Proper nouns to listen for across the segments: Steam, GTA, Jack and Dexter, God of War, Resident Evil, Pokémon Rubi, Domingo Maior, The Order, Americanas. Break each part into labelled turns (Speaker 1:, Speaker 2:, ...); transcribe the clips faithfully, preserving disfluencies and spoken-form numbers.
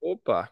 Speaker 1: Opa!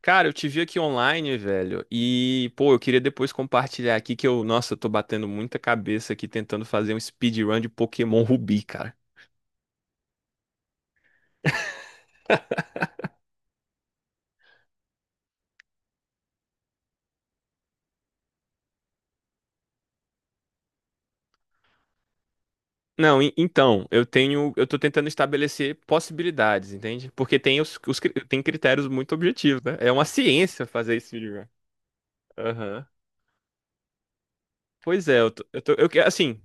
Speaker 1: Cara, eu te vi aqui online, velho. E, pô, eu queria depois compartilhar aqui que eu, nossa, eu tô batendo muita cabeça aqui tentando fazer um speedrun de Pokémon Rubi, cara. Não, en- então, eu tenho, eu tô tentando estabelecer possibilidades, entende? Porque tem os, os cri- tem critérios muito objetivos, né? É uma ciência fazer esse speedrun. Aham. Pois é, eu tô, eu tô- eu que- Assim,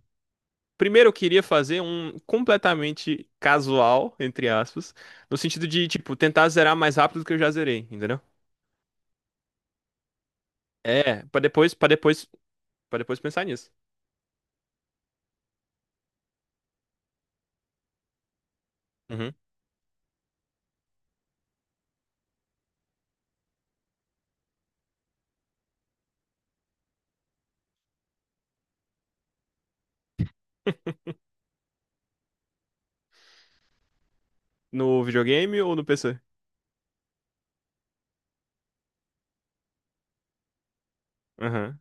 Speaker 1: primeiro eu queria fazer um completamente casual, entre aspas, no sentido de, tipo, tentar zerar mais rápido do que eu já zerei, entendeu? É, pra depois, para depois, para depois pensar nisso. Uhum. No videogame ou no P C? Aham.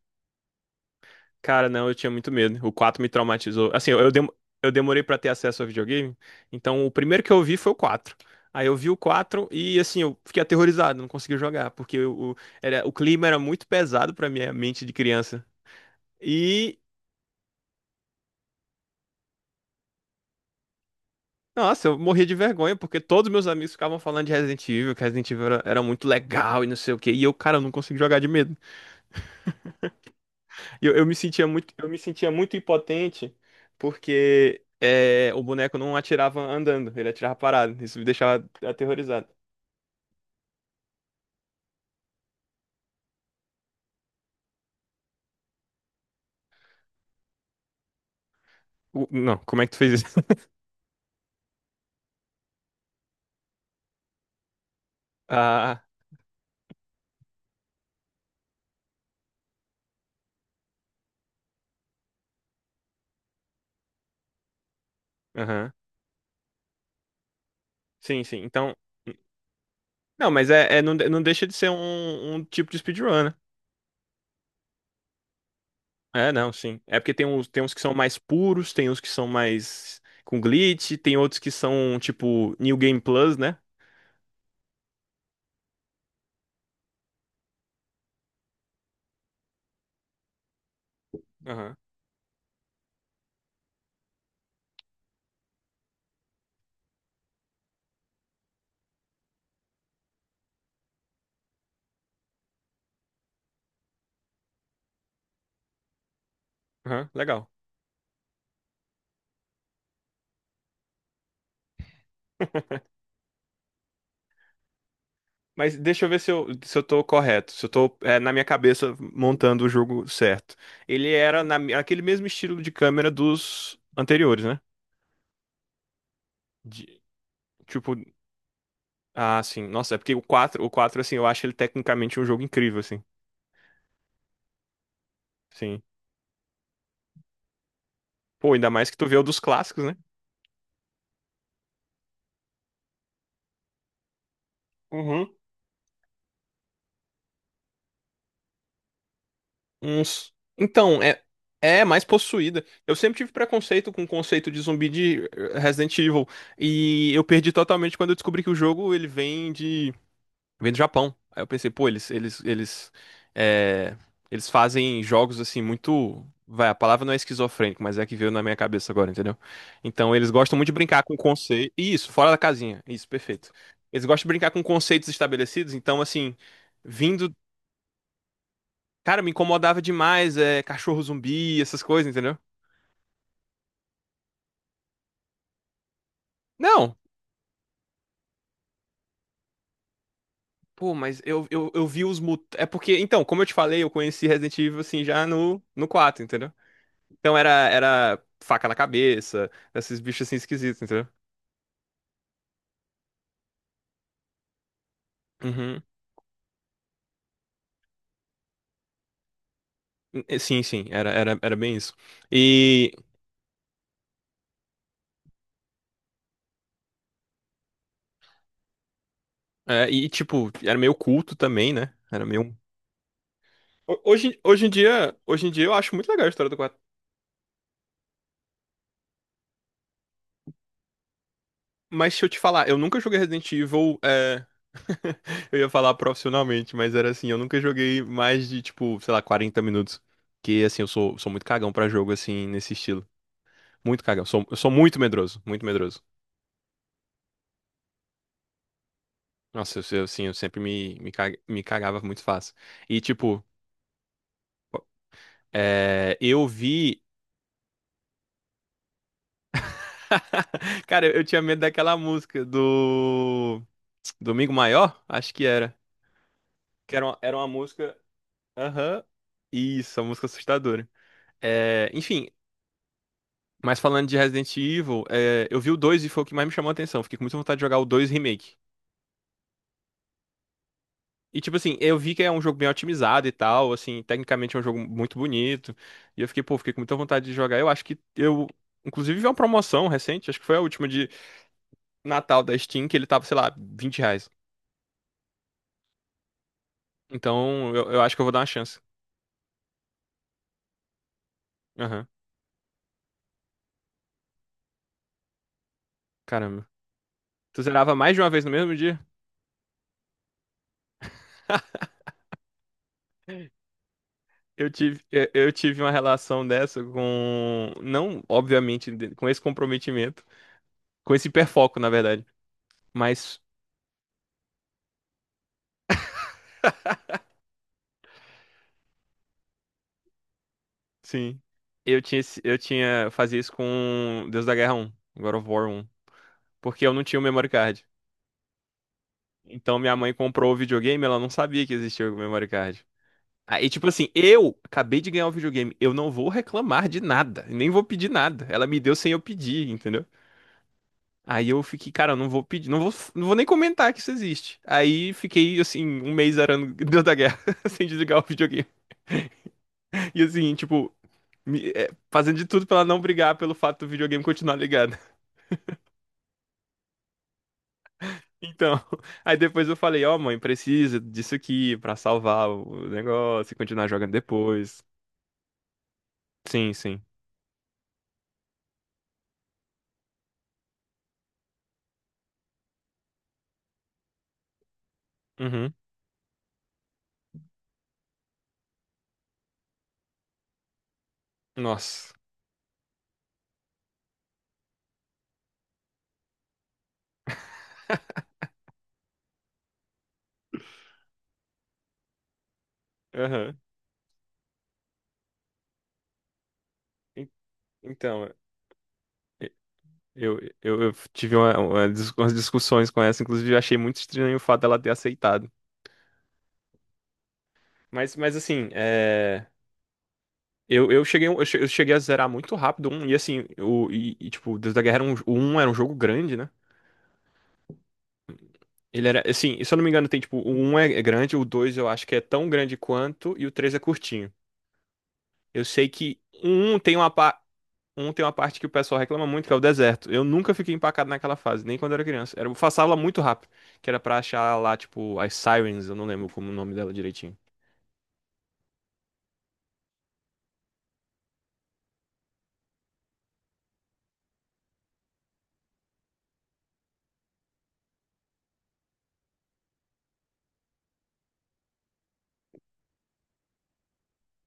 Speaker 1: Cara, não, eu tinha muito medo. O Quatro me traumatizou. Assim, eu, eu dem- eu demorei pra ter acesso ao videogame. Então, o primeiro que eu vi foi o Quatro. Aí eu vi o Quatro e, assim, eu fiquei aterrorizado, não consegui jogar, porque o, o- era, o clima era muito pesado pra minha mente de criança. E, nossa, eu morria de vergonha, porque todos meus amigos ficavam falando de Resident Evil, que Resident Evil era, era muito legal e não sei o quê. E eu, cara, eu não consegui jogar de medo. Eu, eu me sentia muito, eu me sentia muito impotente porque é, o boneco não atirava andando, ele atirava parado. Isso me deixava aterrorizado. O- não, como é que tu fez isso? Ah, aham. Sim, sim. Então. Não, mas é, é- não, de- não deixa de ser um, um tipo de speedrun, né? É, não, sim. É porque tem uns, tem uns que são mais puros, tem uns que são mais com glitch, tem outros que são tipo New Game Plus, né? Aham, aham, legal. Mas deixa eu ver se eu, se eu tô correto, se eu tô é, na minha cabeça montando o jogo certo. Ele era na, aquele mesmo estilo de câmera dos anteriores, né? De- tipo, ah, sim. Nossa, é porque o quatro, o quatro assim, eu acho ele tecnicamente um jogo incrível, assim. Sim. Pô, ainda mais que tu vê o dos clássicos, né? Uhum. Uns. Então, é. É, mais possuída. Eu sempre tive preconceito com o conceito de zumbi de eh, Resident Evil. E eu perdi totalmente quando eu descobri que o jogo ele vem de. Vem do Japão. Aí eu pensei, pô, eles, eles, eles, é, eles fazem jogos assim muito. Vai, a palavra não é esquizofrênico, mas é a que veio na minha cabeça agora, entendeu? Então eles gostam muito de brincar com conceito. Isso, fora da casinha. Isso, perfeito. Eles gostam de brincar com conceitos estabelecidos, então assim, vindo. Cara, me incomodava demais, é, cachorro zumbi, essas coisas, entendeu? Não. Pô, mas eu, eu, eu vi os mut... É porque, então, como eu te falei, eu conheci Resident Evil assim já no, no quatro entendeu? Então era, era faca na cabeça, esses bichos assim esquisitos, entendeu? Uhum. Eh, Sim, sim, era, era, era bem isso. E, é, e, tipo, era meio culto também, né? Era meio. Um- Ho- Hoje, hoje em dia, hoje em dia eu acho muito legal a história do quatro. Mas se eu te falar, eu nunca joguei Resident Evil. é, Eu ia falar profissionalmente, mas era assim, eu nunca joguei mais de, tipo, sei lá, quarenta minutos. Que assim, eu sou, sou muito cagão pra jogo, assim, nesse estilo. Muito cagão. Sou, eu sou muito medroso, muito medroso. Nossa, eu, eu- assim, eu sempre me, me, ca- me cagava muito fácil. E, tipo, é, eu vi. Cara, eu tinha medo daquela música do. Domingo Maior? Acho que era. Que era uma, era uma música. Aham. Isso, uma música assustadora. É, enfim, mas falando de Resident Evil, é, eu vi o dois e foi o que mais me chamou a atenção. Fiquei com muita vontade de jogar o dois Remake. E, tipo assim, eu vi que é um jogo bem otimizado e tal, assim, tecnicamente é um jogo muito bonito. E eu fiquei, pô, fiquei com muita vontade de jogar. Eu acho que eu, inclusive, vi uma promoção recente, acho que foi a última de Natal da Steam, que ele tava, sei lá, vinte reais. Então, eu, eu acho que eu vou dar uma chance. Aham, caramba. Tu zerava mais de uma vez no mesmo dia? Eu tive, eu eu tive uma relação dessa com, não, obviamente, de- com esse comprometimento, com esse hiperfoco, na verdade, mas. Sim. Eu tinha, esse- eu tinha, eu fazia isso com Deus da Guerra um God of War um, porque eu não tinha o memory card. Então minha mãe comprou o videogame, ela não sabia que existia o memory card. Aí, tipo assim, eu acabei de ganhar o videogame, eu não vou reclamar de nada, nem vou pedir nada. Ela me deu sem eu pedir, entendeu? Aí eu fiquei, cara, eu não vou pedir, não vou, não vou nem comentar que isso existe. Aí fiquei, assim, um mês arando Deus da Guerra, sem desligar o videogame. E assim, tipo, me- é, fazendo de tudo pra ela não brigar pelo fato do videogame continuar ligado. Então, aí depois eu falei, ó, mãe, precisa disso aqui pra salvar o negócio e continuar jogando depois. Sim, sim. Uhum. Nossa. Aham. En- Então, eu, eu, eu tive uma- uma dis- umas discussões com essa, inclusive eu achei muito estranho o fato dela ter aceitado. Mas, mas assim, é, eu, eu cheguei, eu che- eu cheguei a zerar muito rápido um, e assim, o, e, e, tipo, Deus da Guerra era um, o um era um jogo grande, né? Ele era, assim, se eu não me engano, tem tipo, o um é é grande, o dois eu acho que é tão grande quanto, e o três é curtinho. Eu sei que um tem uma, pa- um tem uma parte que o pessoal reclama muito, que é o deserto. Eu nunca fiquei empacado naquela fase, nem quando era criança. Era, eu passava muito rápido, que era pra achar lá, tipo, as Sirens, eu não lembro como o nome dela direitinho.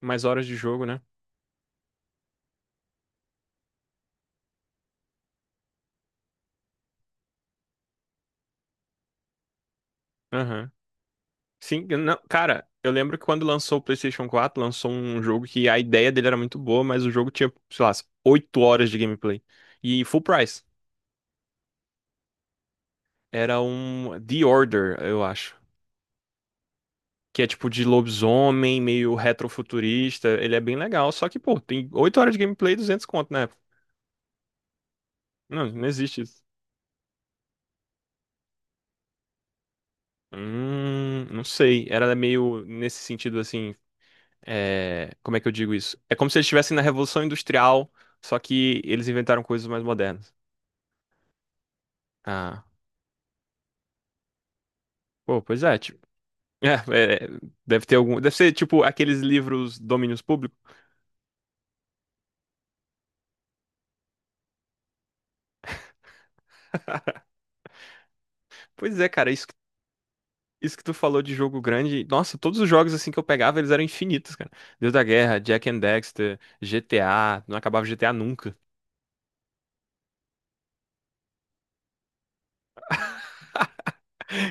Speaker 1: Mais horas de jogo, né? Aham. Sim, eu não, cara, eu lembro que quando lançou o PlayStation quatro, lançou um jogo que a ideia dele era muito boa, mas o jogo tinha, sei lá, oito horas de gameplay. E full price. Era um The Order, eu acho. Que é tipo de lobisomem, meio retrofuturista. Ele é bem legal, só que, pô, tem oito horas de gameplay e duzentos conto, né? Não, não existe isso. Hum, não sei. Era meio nesse sentido assim. é, Como é que eu digo isso? É como se eles estivessem na Revolução Industrial, só que eles inventaram coisas mais modernas. Ah, pô, pois é, tipo. É, é, deve ter algum. Deve ser tipo aqueles livros domínios públicos. Pois é, cara. Isso Isso que tu falou de jogo grande, nossa, todos os jogos assim que eu pegava, eles eram infinitos, cara. Deus da Guerra, Jack and Dexter, G T A, não acabava G T A nunca.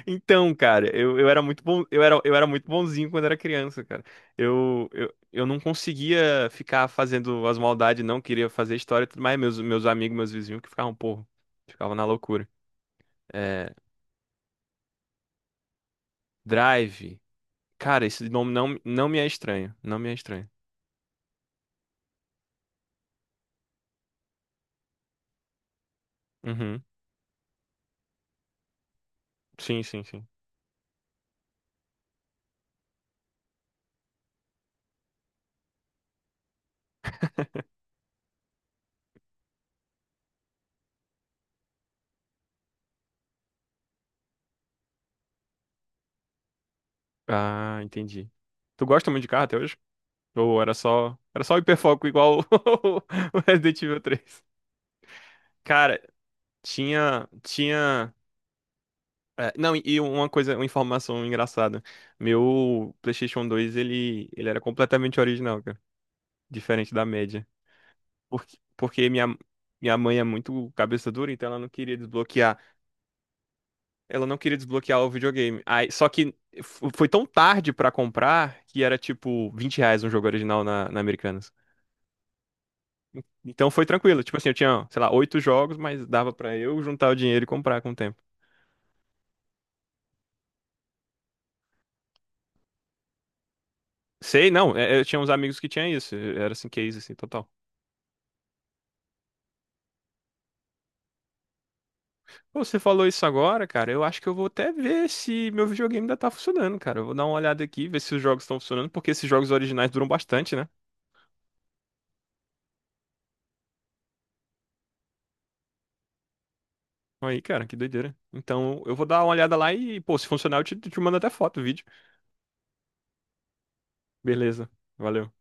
Speaker 1: Então, cara, eu, eu era muito bom, eu era, eu era muito bonzinho quando era criança, cara. Eu, eu, eu não conseguia ficar fazendo as maldades, não queria fazer história, e tudo mais meus meus amigos, meus vizinhos que ficavam, porra, ficavam na loucura. É, Drive. Cara, esse nome não, não me é estranho, não me é estranho. Uhum. Sim, sim, sim. Ah, entendi. Tu gosta muito de carro até hoje? Ou era só, era só hiperfoco igual o o Resident Evil três. Cara, tinha, tinha, é, não, e e uma coisa, uma informação engraçada. Meu PlayStation dois ele, ele era completamente original, cara, diferente da média. Porque, porque minha Minha mãe é muito cabeça dura, então ela não queria desbloquear. Ela não queria desbloquear o videogame. Aí, só que f- foi tão tarde pra comprar que era tipo vinte reais um jogo original na, na Americanas. Então foi tranquilo. Tipo assim, eu tinha, sei lá, oito jogos, mas dava pra eu juntar o dinheiro e comprar com o tempo. Sei, não, é- eu tinha uns amigos que tinham isso. Era assim, case, assim, total. Pô, Você falou isso agora, cara. Eu acho que eu vou até ver se meu videogame ainda tá funcionando, cara. Eu vou dar uma olhada aqui, ver se os jogos estão funcionando, porque esses jogos originais duram bastante, né? Aí, cara, que doideira. Então, eu vou dar uma olhada lá e, pô, se funcionar, eu te, te mando até foto, vídeo. Beleza. Valeu.